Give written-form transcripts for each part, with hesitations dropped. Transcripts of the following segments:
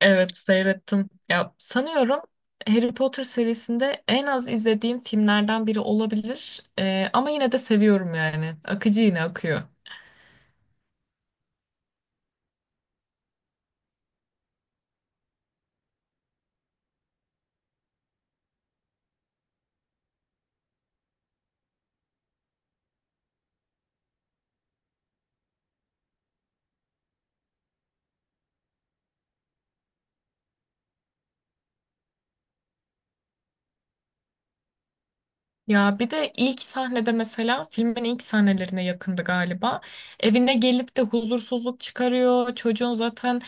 Evet seyrettim. Ya sanıyorum Harry Potter serisinde en az izlediğim filmlerden biri olabilir. Ama yine de seviyorum yani. Akıcı yine akıyor. Ya bir de ilk sahnede mesela filmin ilk sahnelerine yakındı galiba. Evine gelip de huzursuzluk çıkarıyor. Çocuğun zaten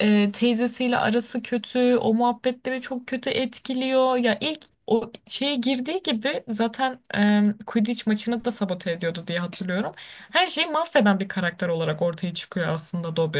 teyzesiyle arası kötü. O muhabbetleri çok kötü etkiliyor. Ya ilk o şeye girdiği gibi zaten Quidditch maçını da sabote ediyordu diye hatırlıyorum. Her şeyi mahveden bir karakter olarak ortaya çıkıyor aslında Dobby.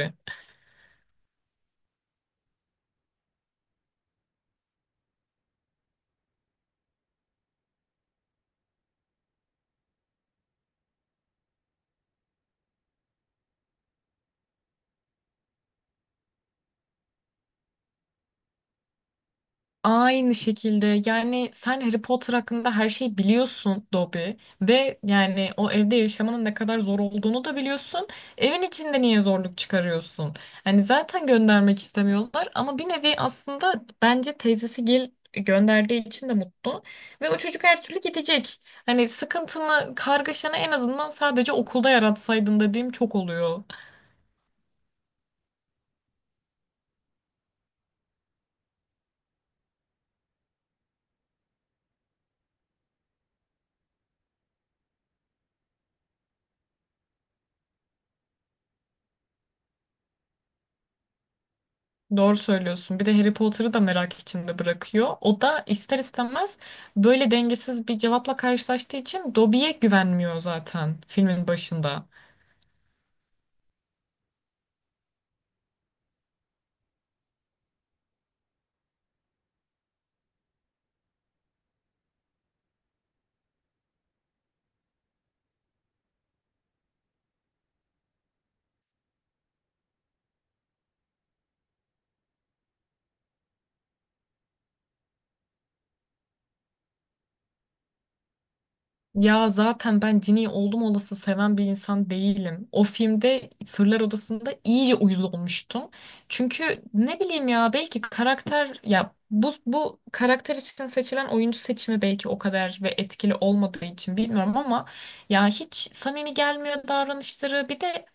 Aynı şekilde yani sen Harry Potter hakkında her şeyi biliyorsun Dobby ve yani o evde yaşamanın ne kadar zor olduğunu da biliyorsun. Evin içinde niye zorluk çıkarıyorsun? Hani zaten göndermek istemiyorlar ama bir nevi aslında bence teyzesi gel gönderdiği için de mutlu ve o çocuk her türlü gidecek. Hani sıkıntını, kargaşanı en azından sadece okulda yaratsaydın dediğim çok oluyor. Doğru söylüyorsun. Bir de Harry Potter'ı da merak içinde bırakıyor. O da ister istemez böyle dengesiz bir cevapla karşılaştığı için Dobby'ye güvenmiyor zaten filmin başında. Ya zaten ben Ginny'yi oldum olası seven bir insan değilim. O filmde Sırlar Odası'nda iyice uyuz olmuştum. Çünkü ne bileyim ya belki karakter ya bu karakter için seçilen oyuncu seçimi belki o kadar ve etkili olmadığı için bilmiyorum ama ya hiç samimi gelmiyor davranışları. Bir de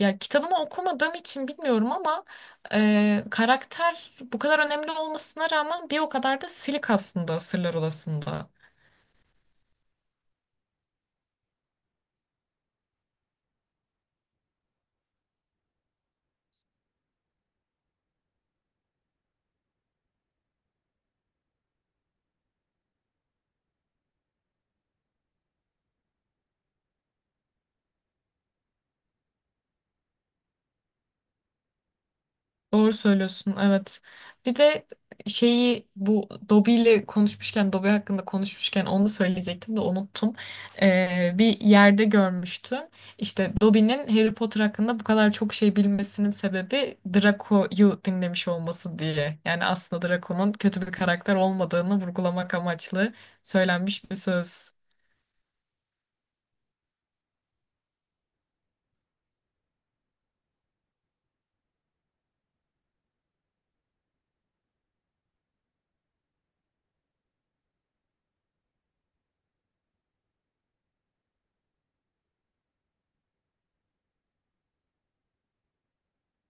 ya kitabını okumadığım için bilmiyorum ama karakter bu kadar önemli olmasına rağmen bir o kadar da silik aslında Sırlar Odası'nda. Doğru söylüyorsun, evet. Bir de şeyi bu Dobby ile konuşmuşken, Dobby hakkında konuşmuşken onu söyleyecektim de unuttum. Bir yerde görmüştüm. İşte Dobby'nin Harry Potter hakkında bu kadar çok şey bilmesinin sebebi Draco'yu dinlemiş olması diye. Yani aslında Draco'nun kötü bir karakter olmadığını vurgulamak amaçlı söylenmiş bir söz.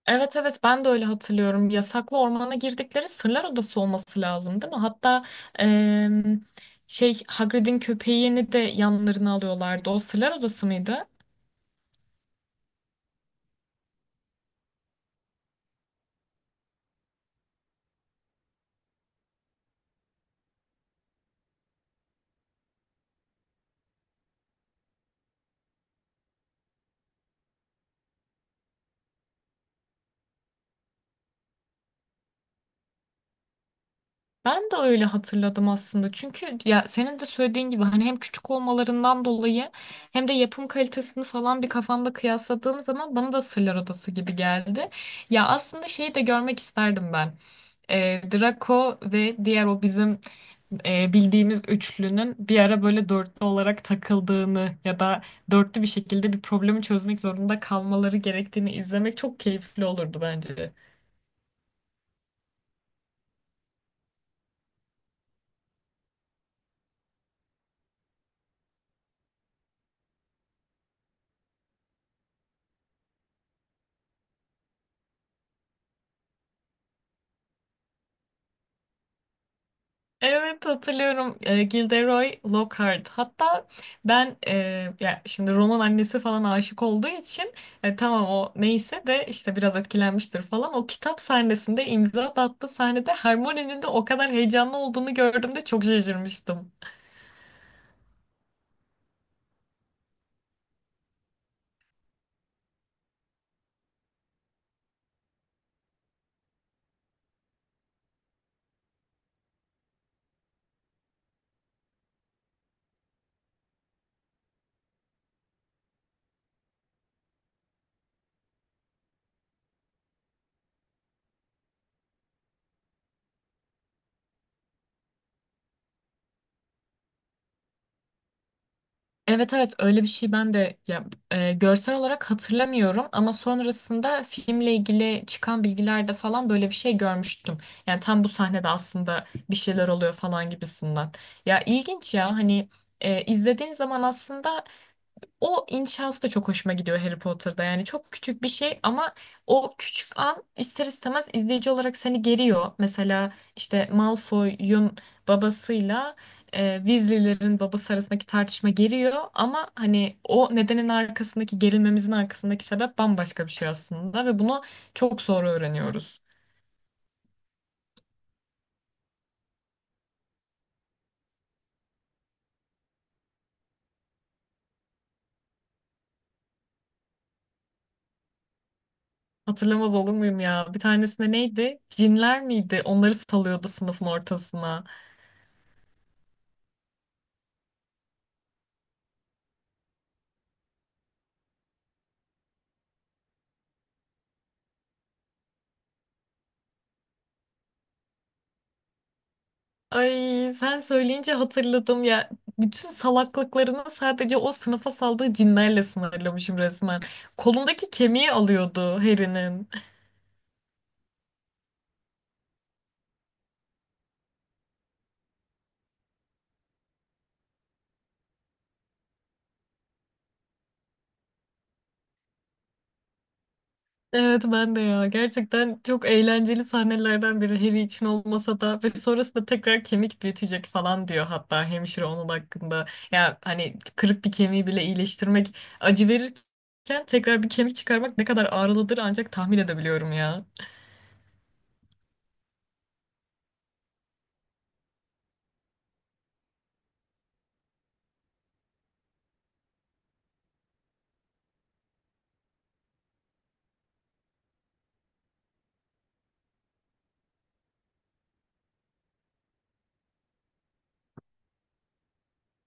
Evet evet ben de öyle hatırlıyorum. Yasaklı ormana girdikleri Sırlar Odası olması lazım değil mi? Hatta em, şey Hagrid'in köpeğini de yanlarına alıyorlardı. O Sırlar Odası mıydı? Ben de öyle hatırladım aslında. Çünkü ya senin de söylediğin gibi hani hem küçük olmalarından dolayı hem de yapım kalitesini falan bir kafamda kıyasladığım zaman bana da Sırlar Odası gibi geldi. Ya aslında şeyi de görmek isterdim ben. Draco ve diğer o bizim bildiğimiz üçlünün bir ara böyle dörtlü olarak takıldığını ya da dörtlü bir şekilde bir problemi çözmek zorunda kalmaları gerektiğini izlemek çok keyifli olurdu bence. Evet hatırlıyorum, Gilderoy Lockhart. Hatta ben ya şimdi Ron'un annesi falan aşık olduğu için tamam o neyse de işte biraz etkilenmiştir falan. O kitap sahnesinde imza da attığı sahnede Hermione'nin de o kadar heyecanlı olduğunu gördüğümde çok şaşırmıştım. Evet evet öyle bir şey ben de ya, görsel olarak hatırlamıyorum ama sonrasında filmle ilgili çıkan bilgilerde falan böyle bir şey görmüştüm. Yani tam bu sahnede aslında bir şeyler oluyor falan gibisinden. Ya ilginç ya hani izlediğin zaman aslında o inşası da çok hoşuma gidiyor Harry Potter'da. Yani çok küçük bir şey ama o küçük an ister istemez izleyici olarak seni geriyor. Mesela işte Malfoy'un babasıyla Weasley'lerin babası arasındaki tartışma geriyor ama hani o nedenin arkasındaki gerilmemizin arkasındaki sebep bambaşka bir şey aslında ve bunu çok sonra öğreniyoruz. Hatırlamaz olur muyum ya? Bir tanesinde neydi? Cinler miydi? Onları salıyordu sınıfın ortasına. Ay sen söyleyince hatırladım ya. Bütün salaklıklarını sadece o sınıfa saldığı cinlerle sınırlamışım resmen. Kolundaki kemiği alıyordu Harry'nin. Evet ben de ya. Gerçekten çok eğlenceli sahnelerden biri Harry için olmasa da ve sonrasında tekrar kemik büyütecek falan diyor hatta hemşire onun hakkında. Ya hani kırık bir kemiği bile iyileştirmek acı verirken tekrar bir kemik çıkarmak ne kadar ağrılıdır ancak tahmin edebiliyorum ya.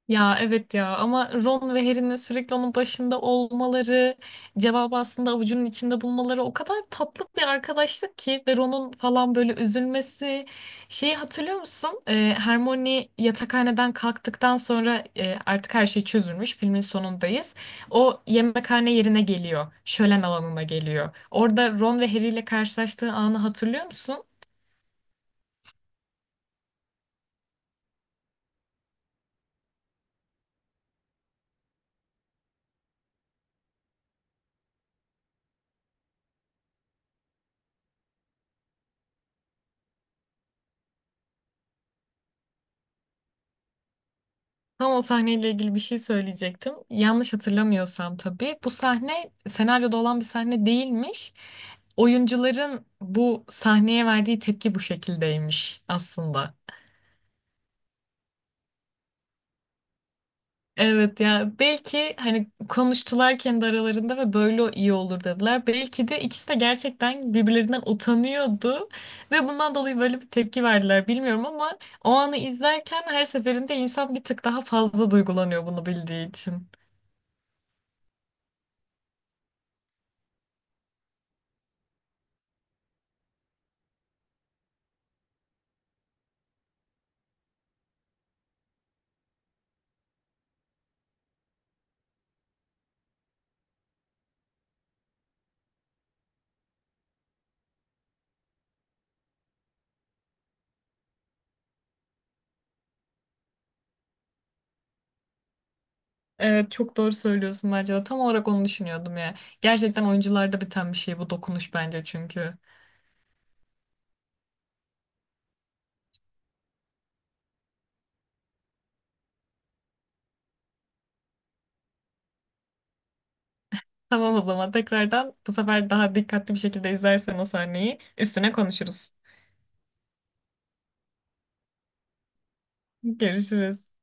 Ya evet ya ama Ron ve Harry'nin sürekli onun başında olmaları, cevabı aslında avucunun içinde bulmaları o kadar tatlı bir arkadaşlık ki ve Ron'un falan böyle üzülmesi. Şeyi hatırlıyor musun? Hermione yatakhaneden kalktıktan sonra artık her şey çözülmüş. Filmin sonundayız. O yemekhane yerine geliyor. Şölen alanına geliyor. Orada Ron ve Harry ile karşılaştığı anı hatırlıyor musun? Tam o sahneyle ilgili bir şey söyleyecektim. Yanlış hatırlamıyorsam tabii bu sahne senaryoda olan bir sahne değilmiş. Oyuncuların bu sahneye verdiği tepki bu şekildeymiş aslında. Evet ya belki hani konuştular kendi aralarında ve böyle iyi olur dediler. Belki de ikisi de gerçekten birbirlerinden utanıyordu ve bundan dolayı böyle bir tepki verdiler bilmiyorum ama o anı izlerken her seferinde insan bir tık daha fazla duygulanıyor bunu bildiği için. Evet çok doğru söylüyorsun bence de. Tam olarak onu düşünüyordum ya. Gerçekten oyuncularda biten bir şey bu dokunuş bence çünkü. Tamam o zaman tekrardan bu sefer daha dikkatli bir şekilde izlersen o sahneyi üstüne konuşuruz. Görüşürüz.